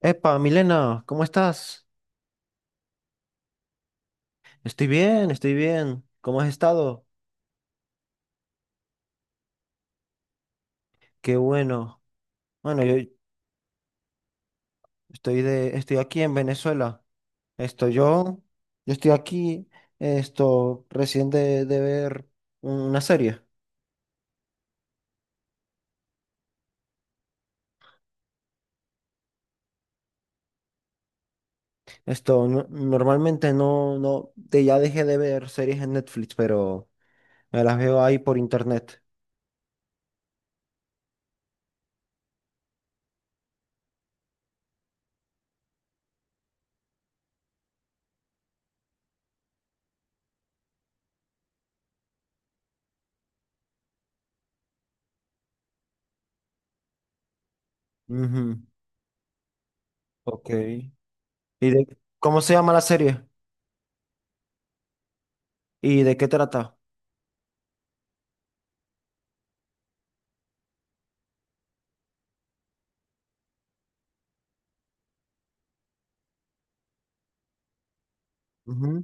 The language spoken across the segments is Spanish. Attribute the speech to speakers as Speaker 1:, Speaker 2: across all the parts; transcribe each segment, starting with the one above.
Speaker 1: Epa, Milena, ¿cómo estás? Estoy bien, estoy bien. ¿Cómo has estado? Qué bueno. Bueno, yo estoy aquí en Venezuela. Estoy yo, yo estoy aquí, recién de ver una serie. Normalmente no, no, ya dejé de ver series en Netflix, pero me las veo ahí por internet. Ujú. Ok. ¿Y de cómo se llama la serie? ¿Y de qué trata? Ujú.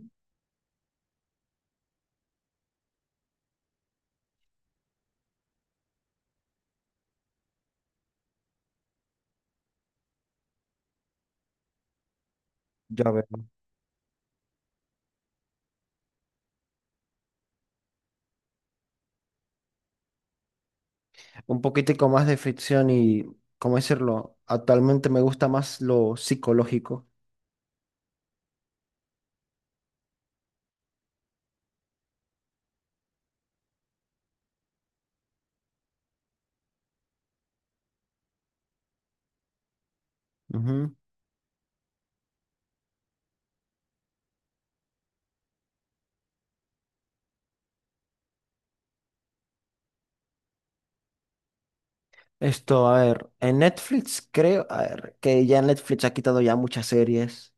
Speaker 1: Ya veo. Un poquitico más de ficción y, ¿cómo decirlo? Actualmente me gusta más lo psicológico. Ujú. A ver, en Netflix creo, a ver, que ya Netflix ha quitado ya muchas series,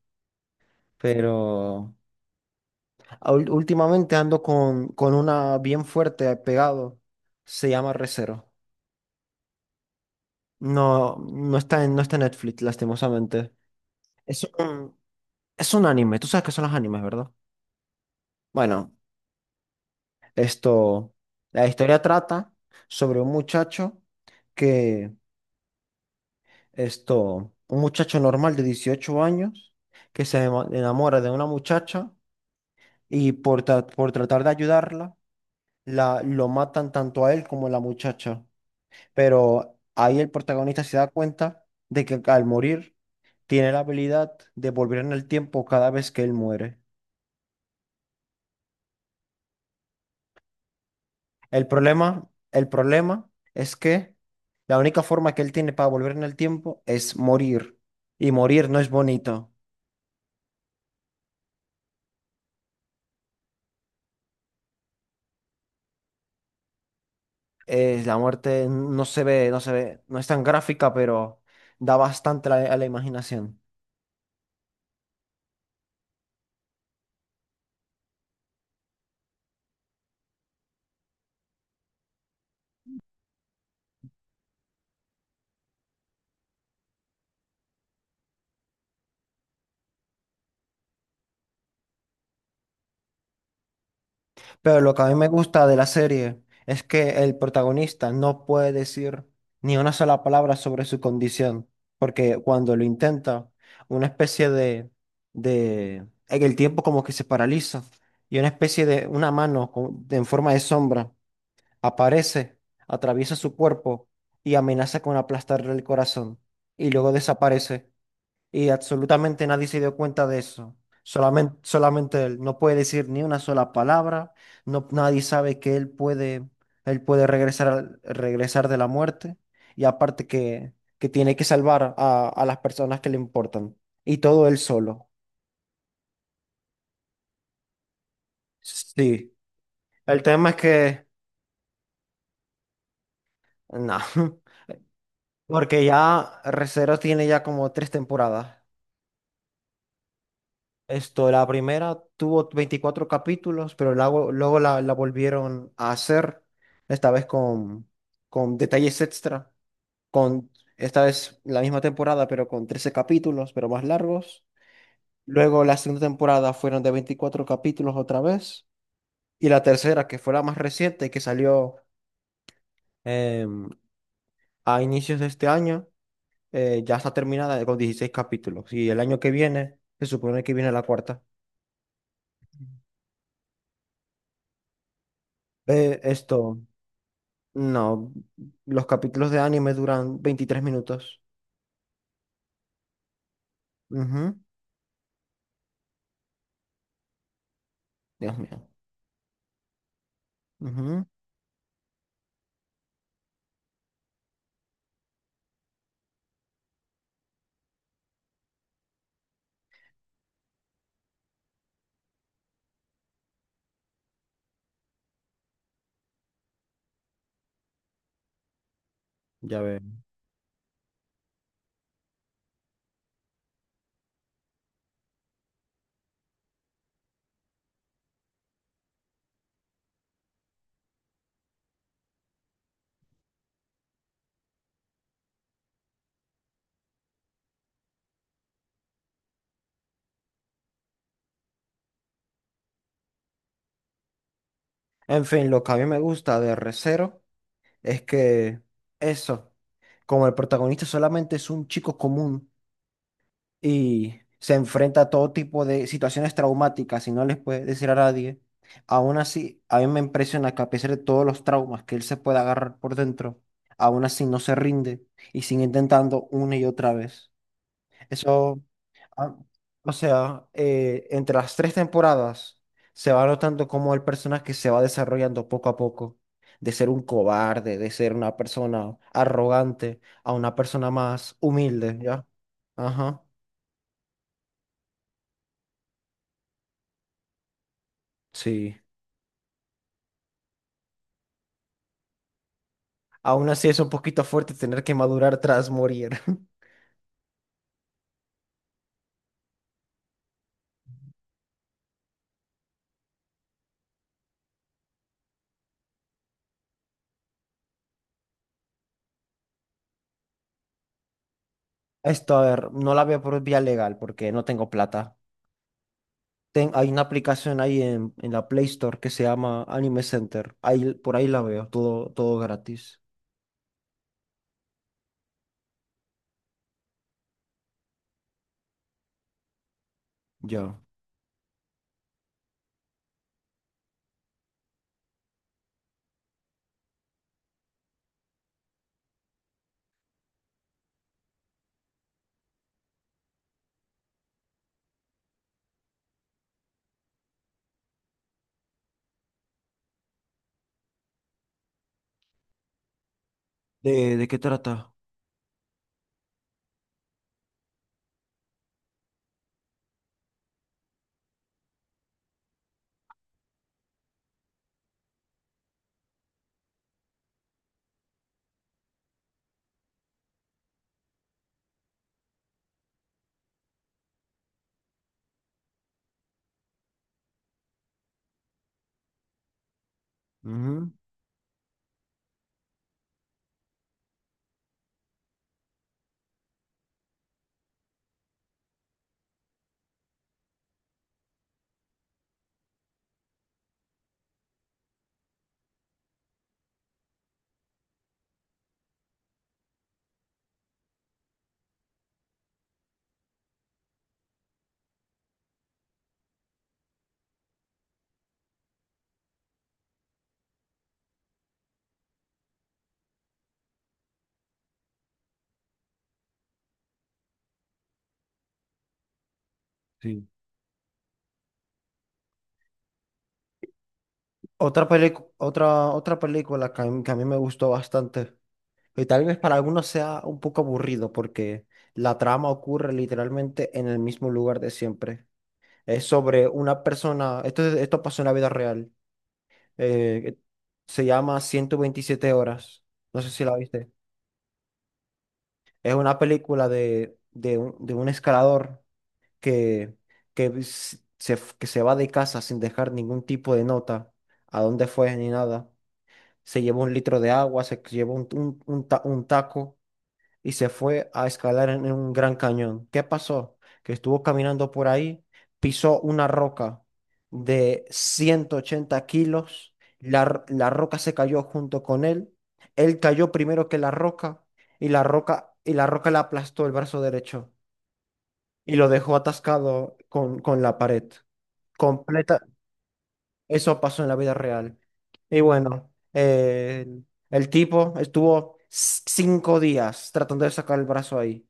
Speaker 1: pero últimamente ando con una bien fuerte pegado, se llama Recero. No está en Netflix, lastimosamente. Es un, es un anime, tú sabes que son los animes, ¿verdad? Bueno, esto, la historia trata sobre un muchacho que, esto, un muchacho normal de 18 años que enamora de una muchacha y por tratar de ayudarla, lo matan tanto a él como a la muchacha. Pero ahí el protagonista se da cuenta de que al morir tiene la habilidad de volver en el tiempo cada vez que él muere. El problema es que la única forma que él tiene para volver en el tiempo es morir. Y morir no es bonito. La muerte no se ve, no se ve, no es tan gráfica, pero da bastante la a la imaginación. Pero lo que a mí me gusta de la serie es que el protagonista no puede decir ni una sola palabra sobre su condición, porque cuando lo intenta, una especie de, en el tiempo como que se paraliza y una especie de, una mano en forma de sombra aparece, atraviesa su cuerpo y amenaza con aplastarle el corazón y luego desaparece. Y absolutamente nadie se dio cuenta de eso. Solamente él. No puede decir ni una sola palabra. No, nadie sabe él puede regresar, regresar de la muerte. Y aparte que tiene que salvar a las personas que le importan. Y todo él solo. Sí. El tema es que, no. Porque ya Re:Zero tiene ya como tres temporadas. Esto, la primera tuvo 24 capítulos, pero luego la volvieron a hacer, esta vez con detalles extra, con esta vez la misma temporada, pero con 13 capítulos, pero más largos. Luego la segunda temporada fueron de 24 capítulos otra vez. Y la tercera, que fue la más reciente, que salió em, a inicios de este año, ya está terminada con 16 capítulos. Y el año que viene, se supone que viene la cuarta. Esto. No, los capítulos de anime duran 23 minutos. Ujú. Dios mío. Ujú. Ya veo. En fin, lo que a mí me gusta de Re:Zero es que eso, como el protagonista solamente es un chico común y se enfrenta a todo tipo de situaciones traumáticas y no les puede decir a nadie, aún así, a mí me impresiona que a pesar de todos los traumas que él se puede agarrar por dentro, aún así no se rinde y sigue intentando una y otra vez. Eso. Ah, o sea, entre las tres temporadas se va notando cómo el personaje se va desarrollando poco a poco, de ser un cobarde, de ser una persona arrogante, a una persona más humilde, ¿ya? Ajá, sí. Aún así es un poquito fuerte tener que madurar tras morir. Esto, a ver, no la veo por vía legal porque no tengo plata. Hay una aplicación ahí en la Play Store que se llama Anime Center. Ahí, por ahí la veo, todo, todo gratis. Ya. De qué trata? Ujú. Sí. Otra película que a mí me gustó bastante, y tal vez para algunos sea un poco aburrido porque la trama ocurre literalmente en el mismo lugar de siempre. Es sobre una persona, esto, esto pasó en la vida real, eh, se llama 127 horas, no sé si la viste. Es una película de un escalador que, que se va de casa sin dejar ningún tipo de nota, a dónde fue ni nada. Se llevó un litro de agua, se llevó un taco y se fue a escalar en un gran cañón. ¿Qué pasó? Que estuvo caminando por ahí, pisó una roca de 180 kilos, la roca se cayó junto con él, él cayó primero que la roca y la roca le aplastó el brazo derecho y lo dejó atascado con la pared. Completa. Eso pasó en la vida real. Y bueno, el tipo estuvo 5 días tratando de sacar el brazo ahí.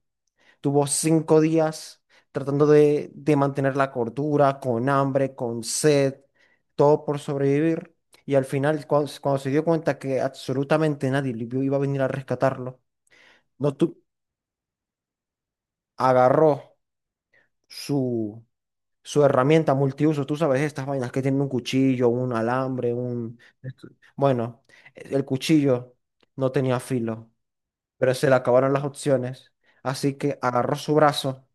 Speaker 1: Tuvo 5 días tratando de mantener la cordura, con hambre, con sed, todo por sobrevivir. Y al final, cuando se dio cuenta que absolutamente nadie le iba a venir a rescatarlo, no tu- agarró su su herramienta multiuso, tú sabes, estas vainas que tienen un cuchillo, un alambre, un... esto- bueno, el cuchillo no tenía filo, pero se le acabaron las opciones, así que agarró su brazo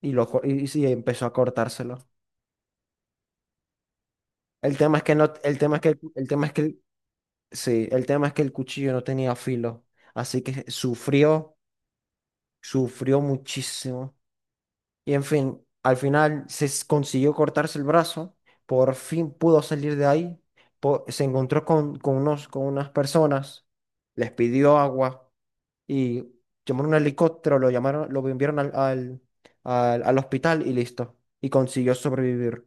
Speaker 1: y, y sí, empezó a cortárselo. El tema es que no, el tema es que, el tema es que, el- sí, el tema es que el cuchillo no tenía filo, así que sufrió, sufrió muchísimo. Y en fin, al final consiguió cortarse el brazo, por fin pudo salir de ahí, se encontró con unas personas, les pidió agua y llamaron un helicóptero, lo llamaron, lo enviaron al hospital y listo. Y consiguió sobrevivir.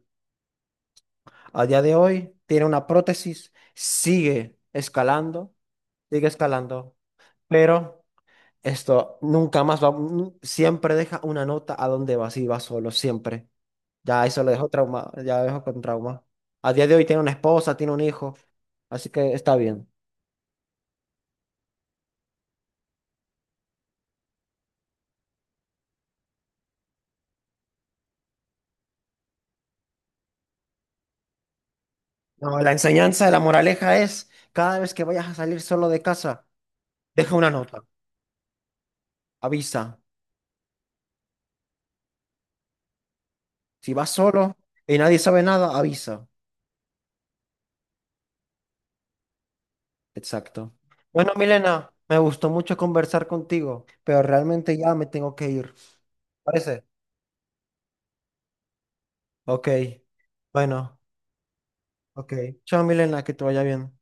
Speaker 1: A día de hoy tiene una prótesis, sigue escalando, pero esto nunca más va, nu- siempre deja una nota a dónde va, si va solo, siempre. Ya eso lo dejó trauma, ya lo dejó con trauma. A día de hoy tiene una esposa, tiene un hijo, así que está bien. No, la enseñanza de la moraleja es, cada vez que vayas a salir solo de casa, deja una nota, avisa. Si vas solo y nadie sabe nada, avisa. Exacto. Bueno, Milena, me gustó mucho conversar contigo, pero realmente ya me tengo que ir. ¿Parece? Ok. Bueno, ok. Chao, Milena, que te vaya bien.